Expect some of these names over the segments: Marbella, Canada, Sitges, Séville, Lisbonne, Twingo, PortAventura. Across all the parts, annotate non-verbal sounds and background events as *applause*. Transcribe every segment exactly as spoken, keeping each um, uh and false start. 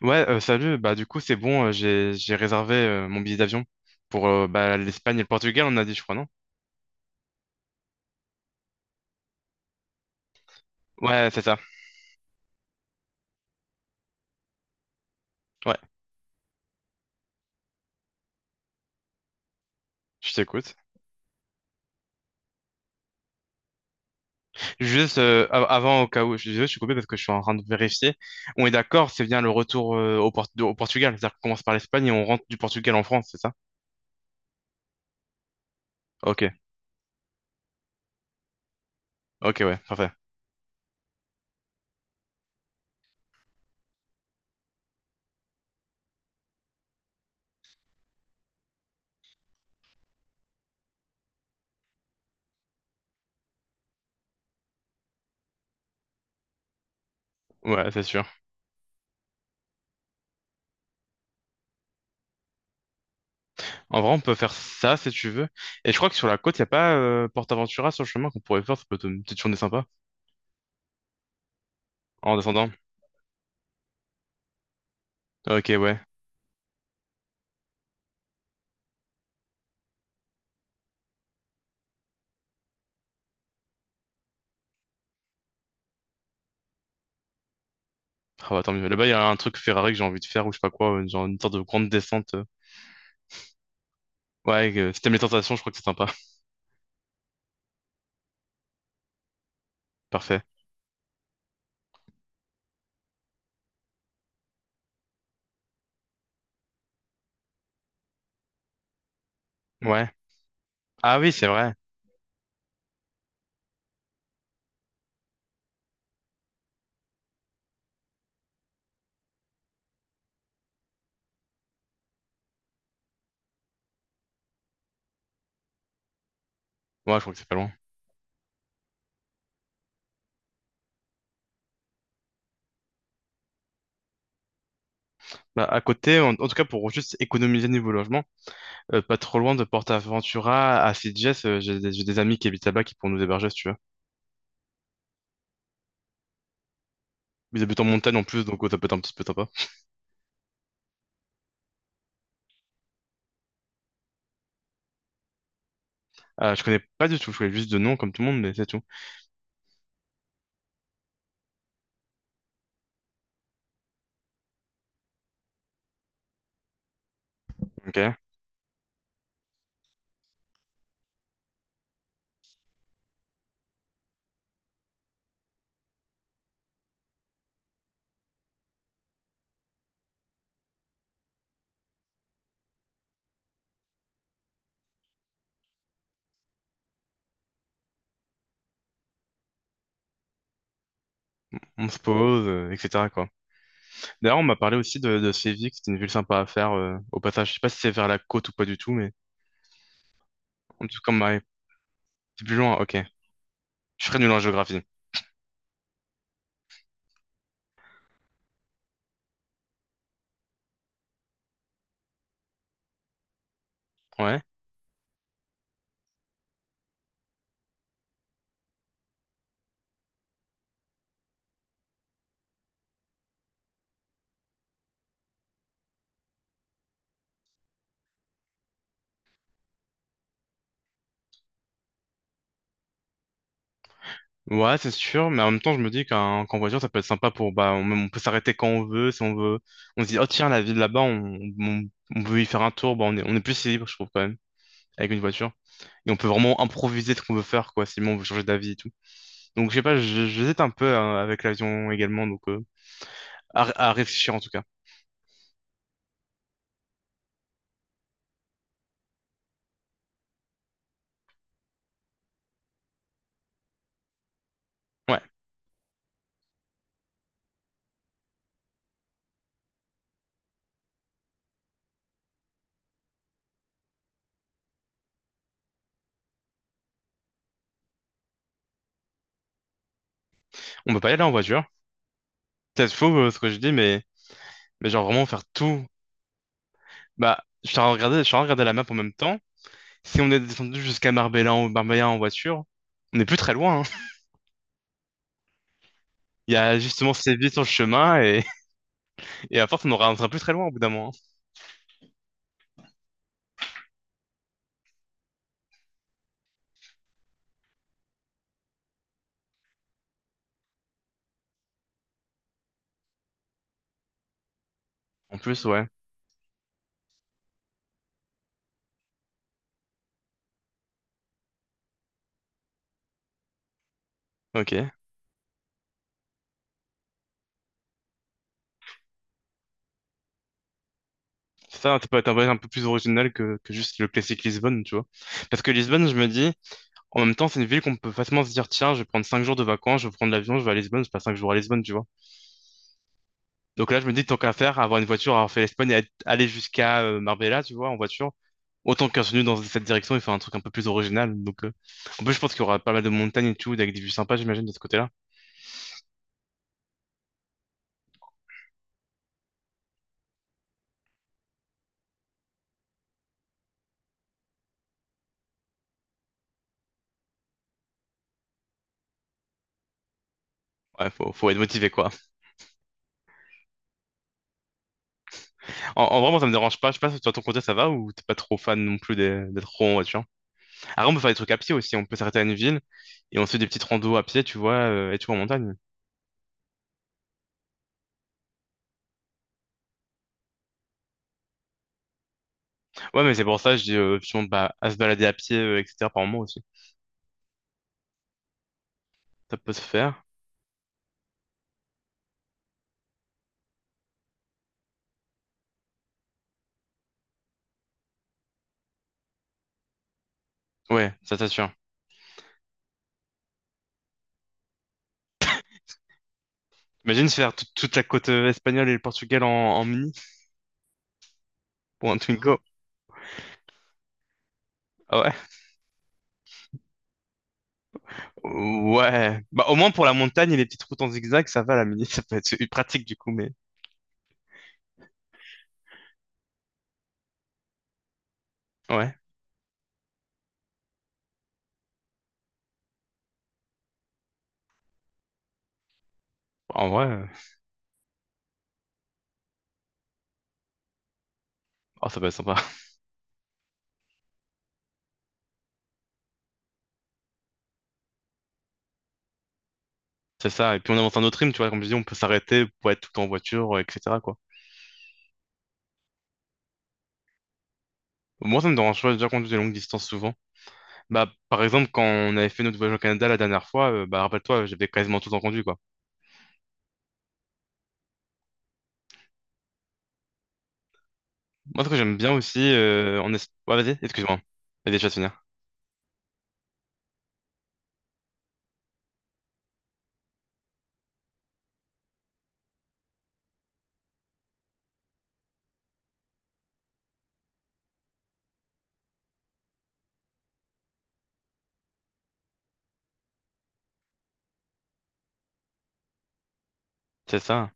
Ouais, euh, salut. Bah, du coup, c'est bon. euh, j'ai, j'ai réservé euh, mon billet d'avion pour euh, bah, l'Espagne et le Portugal, on a dit, je crois, non? Ouais, c'est ça. Ouais, je t'écoute. Juste euh, av- avant, au cas où, je suis je suis coupé parce que je suis en train de vérifier. On est d'accord, c'est bien le retour euh, au, Port- au Portugal. C'est-à-dire qu'on commence par l'Espagne et on rentre du Portugal en France, c'est ça? Ok, ok, ouais, parfait. Ouais, c'est sûr. En vrai, on peut faire ça si tu veux. Et je crois que sur la côte, il n'y a pas euh, PortAventura sur le chemin qu'on pourrait faire. Ça peut être une petite journée sympa en descendant. Ok, ouais. Ah bah tant mieux. Là-bas, il y a un truc Ferrari que j'ai envie de faire ou je sais pas quoi, euh, genre une sorte de grande descente. euh. Ouais, euh, si t'aimes les tentations, je crois que c'est sympa. *laughs* Parfait. Ouais. Ah oui, c'est vrai. Ouais, je crois que c'est pas loin. Bah, à côté, en, en tout cas pour juste économiser niveau logement, euh, pas trop loin de PortAventura à Sitges, euh, j'ai des, j'ai des amis qui habitent là-bas qui pourront nous héberger si tu veux. Ils habitent en montagne en plus, donc euh, ça peut être un petit peu sympa. Euh, je connais pas du tout, je connais juste de nom comme tout le monde, mais c'est tout. Ok. On se pose, euh, et cetera, quoi. D'ailleurs, on m'a parlé aussi de, de Séville, que c'était une ville sympa à faire euh, au passage. Je sais pas si c'est vers la côte ou pas du tout, mais. En tout cas, ouais, c'est plus loin, ok. Je serais nul en géographie. Ouais. Ouais, c'est sûr, mais en même temps, je me dis qu'en qu'en voiture, ça peut être sympa pour, bah, on, on peut s'arrêter quand on veut, si on veut. On se dit, oh tiens, la ville là-bas, on, on, on veut y faire un tour, bah, on est, on est plus libre, je trouve, quand même, avec une voiture. Et on peut vraiment improviser ce qu'on veut faire, quoi, si on veut changer d'avis et tout. Donc, je sais pas, je- j'hésite un peu euh, avec l'avion également, donc, euh, à, à réfléchir en tout cas. Ouais. On peut pas y aller en voiture. Peut-être faux, euh, ce que je dis, mais, mais genre vraiment faire tout. Bah, je suis en train de regarder, je suis en train de regarder la map en même temps. Si on est descendu jusqu'à Marbella en, Marbella en voiture, on n'est plus très loin, hein. Il y a justement ces villes sur le chemin et, *laughs* et à force, on aura, on sera plus très loin au bout d'un moment. En plus, ouais. Ok. Ça, ça peut être un voyage un peu plus original que, que juste le classique Lisbonne, tu vois. Parce que Lisbonne, je me dis, en même temps, c'est une ville qu'on peut facilement se dire, tiens, je vais prendre cinq jours de vacances, je vais prendre l'avion, je vais à Lisbonne, je passe cinq jours à Lisbonne, tu vois. Donc là, je me dis, tant qu'à faire, avoir une voiture, avoir fait l'Espagne et être- aller jusqu'à euh, Marbella, tu vois, en voiture, autant qu'un continue dans cette direction et faire un truc un peu plus original. Donc, euh, En plus, je pense qu'il y aura pas mal de montagnes et tout, avec des vues sympas, j'imagine, de ce côté-là. Ouais, faut, faut être motivé, quoi. En, en vrai, moi, ça me dérange pas. Je sais pas si toi, ton côté, ça va ou t'es pas trop fan non plus des- d'être trop en voiture. Après, on peut faire des trucs à pied aussi. On peut s'arrêter à une ville et on se fait des petites randos à pied, tu vois, euh, et tu vois, en montagne. Ouais, mais c'est pour ça, je dis, euh, justement, bah, à se balader à pied, euh, et cetera, par moment aussi. Ça peut se faire. Ouais, ça t'assure. Imagine se faire tout- toute la côte euh, espagnole et le Portugal en, en mini pour un Twingo. Ah ouais? Ouais. Bah, au moins pour la montagne et les petites routes en zigzag, ça va la mini, *laughs* ça peut être pratique du coup, mais ouais. En vrai, euh, oh, ça peut être sympa. *laughs* C'est ça. Et puis on avance un autre rythme, tu vois, comme je dis, on peut s'arrêter pour être tout le temps en voiture, euh, et cetera, quoi. Moi, ça me dérange pas, j'ai déjà conduire des longues distances souvent. Bah, par exemple, quand on avait fait notre voyage au Canada la dernière fois, euh, bah, rappelle-toi, j'avais quasiment tout le temps conduit, quoi. Moi, ce que j'aime bien aussi, euh, en es- ouais, vas-y, excuse-moi. Vas-y, je vais te finir. C'est ça.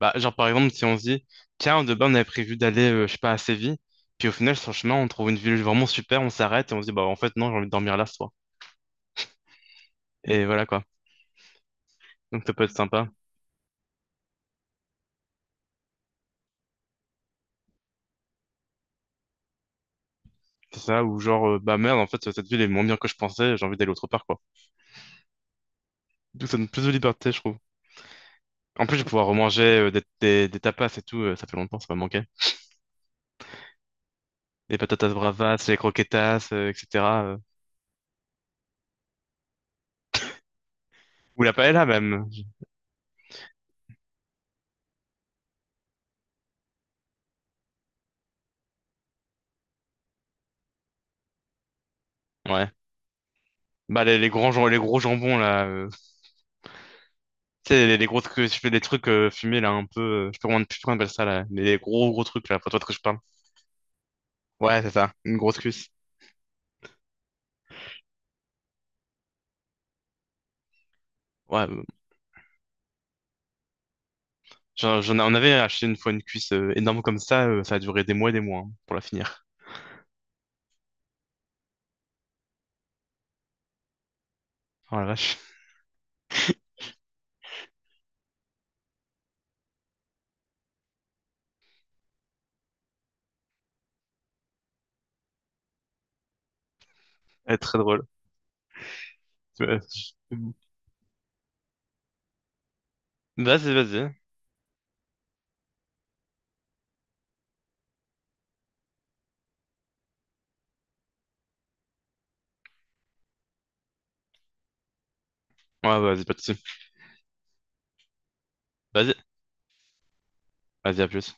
Bah, genre, par exemple, si on se dit, tiens, de base, on avait prévu d'aller, euh, je sais pas, à Séville, puis au final, sur le chemin, on trouve une ville vraiment super, on s'arrête et on se dit, bah, en fait, non, j'ai envie de dormir là ce soir. Et voilà, quoi. Donc, ça peut être sympa. C'est ça, ou genre, euh, bah, merde, en fait, cette ville est moins bien que je pensais, j'ai envie d'aller autre part, quoi. Donc, ça donne plus de liberté, je trouve. En plus, je vais pouvoir remanger euh, des, des, des tapas et tout, euh, ça fait longtemps, ça m'a manqué. Les patatas bravas, les croquetas, euh, et cetera euh. Ou la paella, même. Ouais. Bah, les, les grands, jam- les gros jambons, là. euh, Tu sais, les, les gros trucs, je fais des trucs euh, fumés, là, un peu. euh, je sais pas comment, je sais pas comment on appelle ça, là. Les, les gros, gros trucs, là. Pour toi de quoi je parle. Ouais, c'est ça. Une grosse cuisse. Ouais, euh, j'en, j'en- on avait acheté une fois une cuisse euh, énorme comme ça. Euh, ça a duré des mois et des mois, hein, pour la finir. Oh la vache. Elle est très drôle. Ouais. Vas-y, vas-y. Ouais, vas-y, pas de soucis. Vas-y, vas-y, à plus.